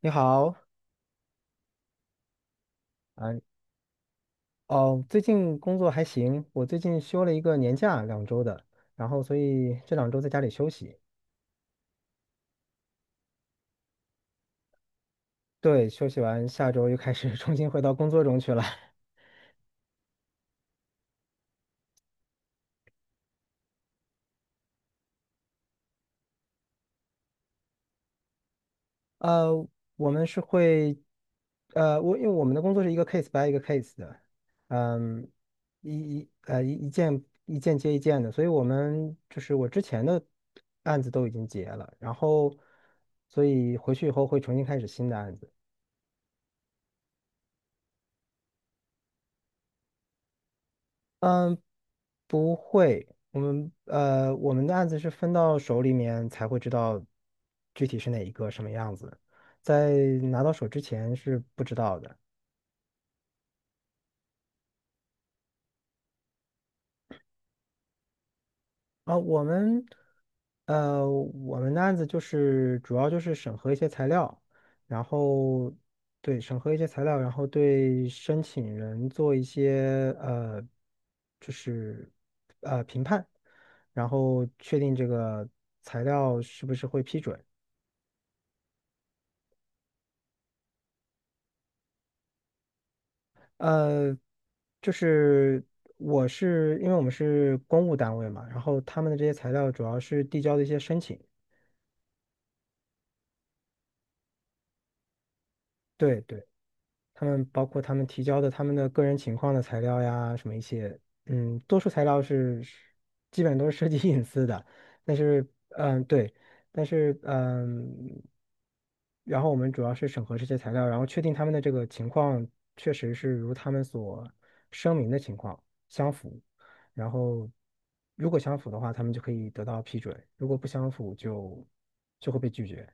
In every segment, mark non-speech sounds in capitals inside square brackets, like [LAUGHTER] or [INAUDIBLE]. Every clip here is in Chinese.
你好。啊，哦，最近工作还行，我最近休了一个年假，两周的，然后所以这两周在家里休息。对，休息完下周又开始 [LAUGHS] 重新回到工作中去了。[LAUGHS] 呃，我们是会，我因为我们的工作是一个 case by 一个 case 的，嗯，一件接一件的，所以我们就是我之前的案子都已经结了，然后所以回去以后会重新开始新的案子。不会，我们的案子是分到手里面才会知道具体是哪一个什么样子，在拿到手之前是不知道的。啊，我们的案子就是主要就是审核一些材料，然后对审核一些材料，然后对申请人做一些就是评判，然后确定这个材料是不是会批准。呃，就是我是因为我们是公务单位嘛，然后他们的这些材料主要是递交的一些申请。对对。他们包括他们提交的他们的个人情况的材料呀，什么一些，嗯，多数材料是基本都是涉及 [LAUGHS] 隐私的，但是，嗯，对，但是，嗯，然后我们主要是审核这些材料，然后确定他们的这个情况确实是如他们所声明的情况相符，然后如果相符的话，他们就可以得到批准，如果不相符就会被拒绝。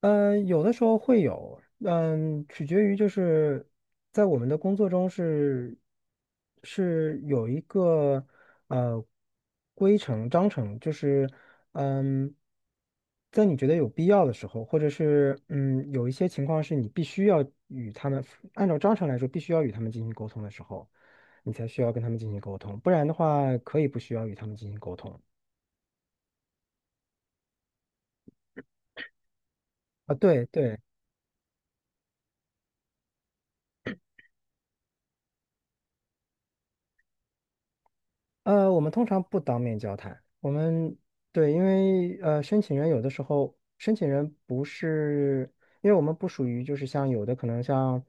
嗯，有的时候会有，嗯，取决于就是在我们的工作中是有一个呃规程章程，就是嗯，在你觉得有必要的时候，或者是嗯有一些情况是你必须要与他们按照章程来说必须要与他们进行沟通的时候，你才需要跟他们进行沟通，不然的话可以不需要与他们进行沟通。啊，对对。我们通常不当面交谈。我们对，因为申请人有的时候，申请人不是，因为我们不属于就是像有的可能像，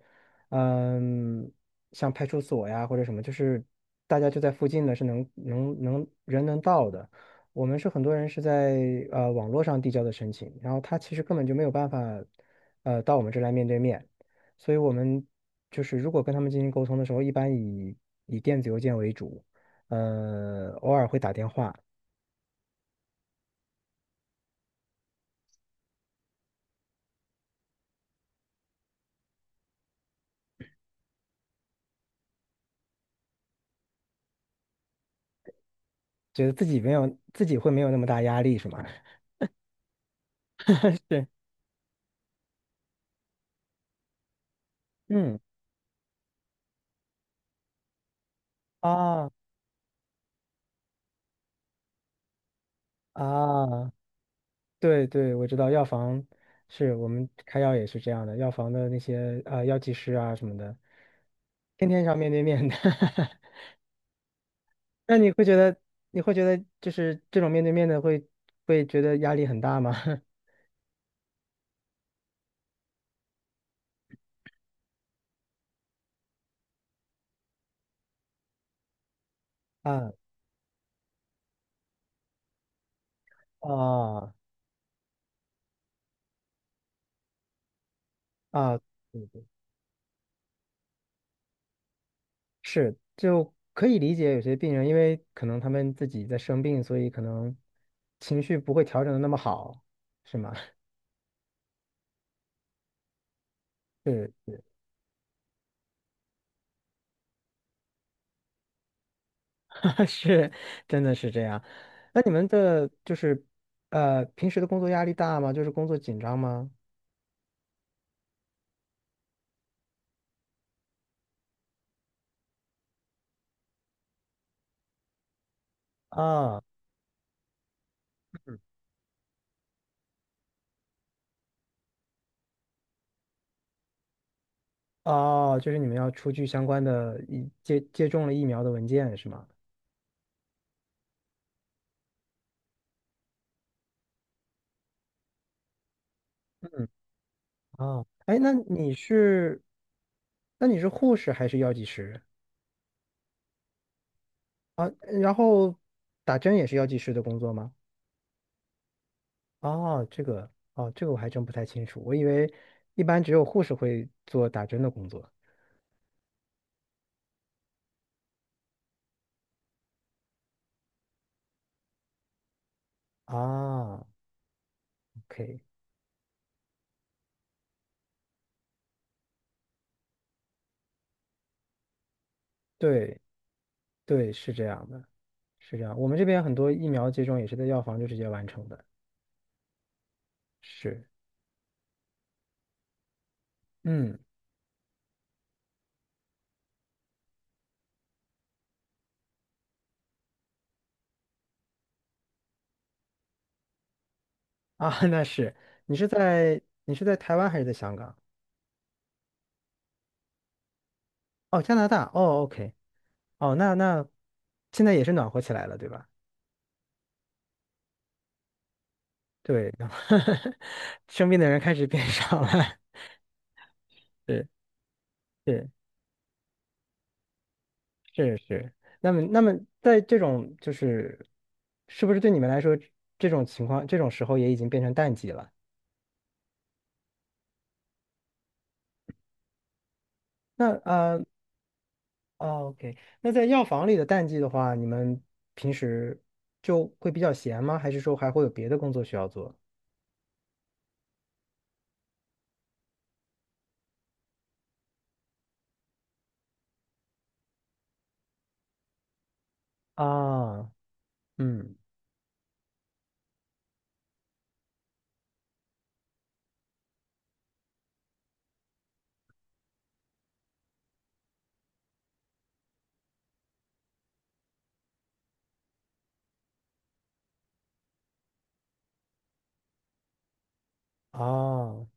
嗯、像派出所呀或者什么，就是大家就在附近的，是能人能到的。我们是很多人是在网络上递交的申请，然后他其实根本就没有办法，到我们这来面对面。所以我们就是如果跟他们进行沟通的时候，一般以电子邮件为主。偶尔会打电话。觉得自己没有自己会没有那么大压力，是吗？[LAUGHS] 对，嗯，啊啊，对对，我知道药房是我们开药也是这样的，药房的那些啊药剂师啊什么的，天天上面对面的。[LAUGHS] 那你会觉得就是这种面对面的会觉得压力很大吗？[LAUGHS] 啊啊啊！是，就可以理解有些病人，因为可能他们自己在生病，所以可能情绪不会调整的那么好，是吗？[LAUGHS] 是，[LAUGHS] 是，真的是这样。那你们的就是平时的工作压力大吗？就是工作紧张吗？啊，哦，就是你们要出具相关的疫接种了疫苗的文件是吗？嗯，啊，哎，那你是护士还是药剂师啊？然后打针也是药剂师的工作吗？哦，这个哦，这个我还真不太清楚，我以为一般只有护士会做打针的工作啊。OK，对对，是这样的，是这样。我们这边很多疫苗接种也是在药房就直接完成的。是，嗯啊，[LAUGHS] 那是你是在在台湾还是在香港？哦，加拿大。哦，OK，哦，那现在也是暖和起来了，对吧？对，然后 [LAUGHS] 生病的人开始变少了。[LAUGHS] 对对。是是，那么在这种就是，是不是对你们来说，这种情况这种时候也已经变成淡季了？那o k 那在药房里的淡季的话，你们平时就会比较闲吗？还是说还会有别的工作需要做？啊，嗯，啊，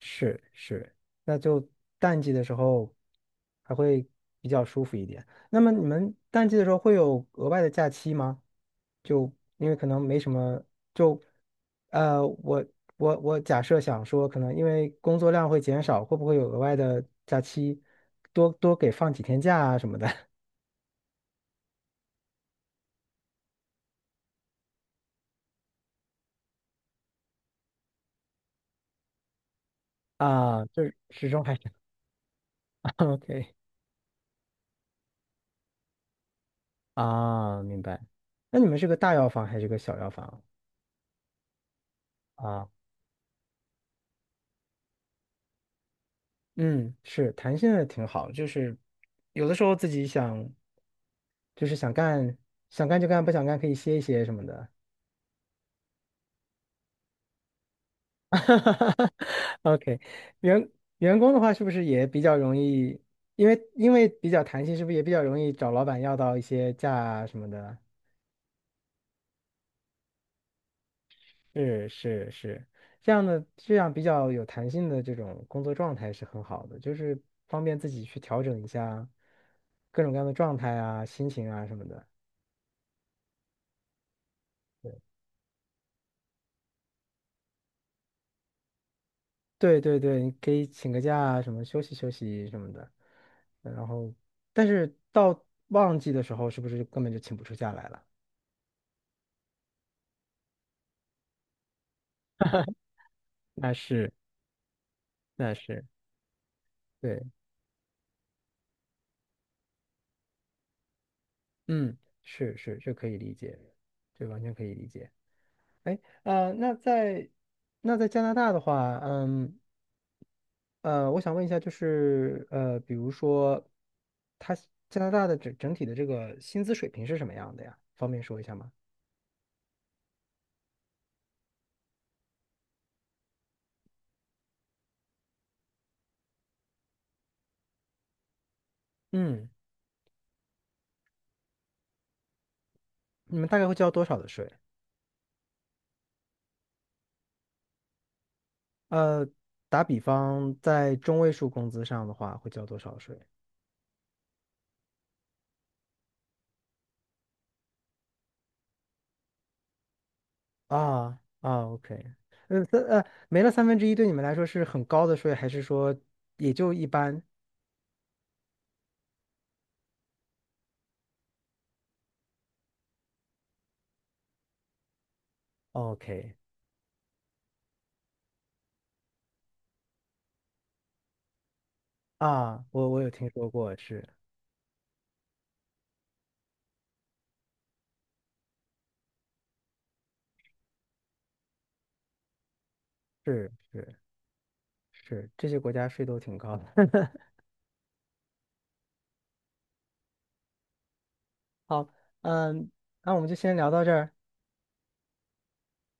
是是，那就淡季的时候还会比较舒服一点。那么你们淡季的时候会有额外的假期吗？就因为可能没什么，就呃，我我假设想说，可能因为工作量会减少，会不会有额外的假期，多多给放几天假啊什么的。 [LAUGHS] 啊？就是始终还是 [LAUGHS] OK。 啊，明白。那你们是个大药房还是个小药房啊？嗯，是弹性也挺好，就是有的时候自己想，就是想干，想干就干，不想干可以歇一歇什么的。[LAUGHS] OK，员员工的话是不是也比较容易？因为比较弹性，是不是也比较容易找老板要到一些假啊什么的？是是是，这样的这样比较有弹性的这种工作状态是很好的，就是方便自己去调整一下各种各样的状态啊、心情啊什么的。对对对，你可以请个假，什么休息休息什么的。然后，但是到旺季的时候，是不是就根本就请不出假来了？那是那是，对，嗯，是是，这可以理解，这完全可以理解。哎，那在加拿大的话，嗯我想问一下，就是比如说，它加拿大的整体的这个薪资水平是什么样的呀？方便说一下吗？嗯，你们大概会交多少的税？呃，打比方，在中位数工资上的话，会交多少税？啊啊，OK，没了三分之一，对你们来说是很高的税，还是说也就一般？OK，啊，我有听说过，是是是是，这些国家税都挺高的。[LAUGHS] 好，嗯，那我们就先聊到这儿。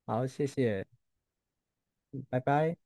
好，谢谢。嗯拜拜。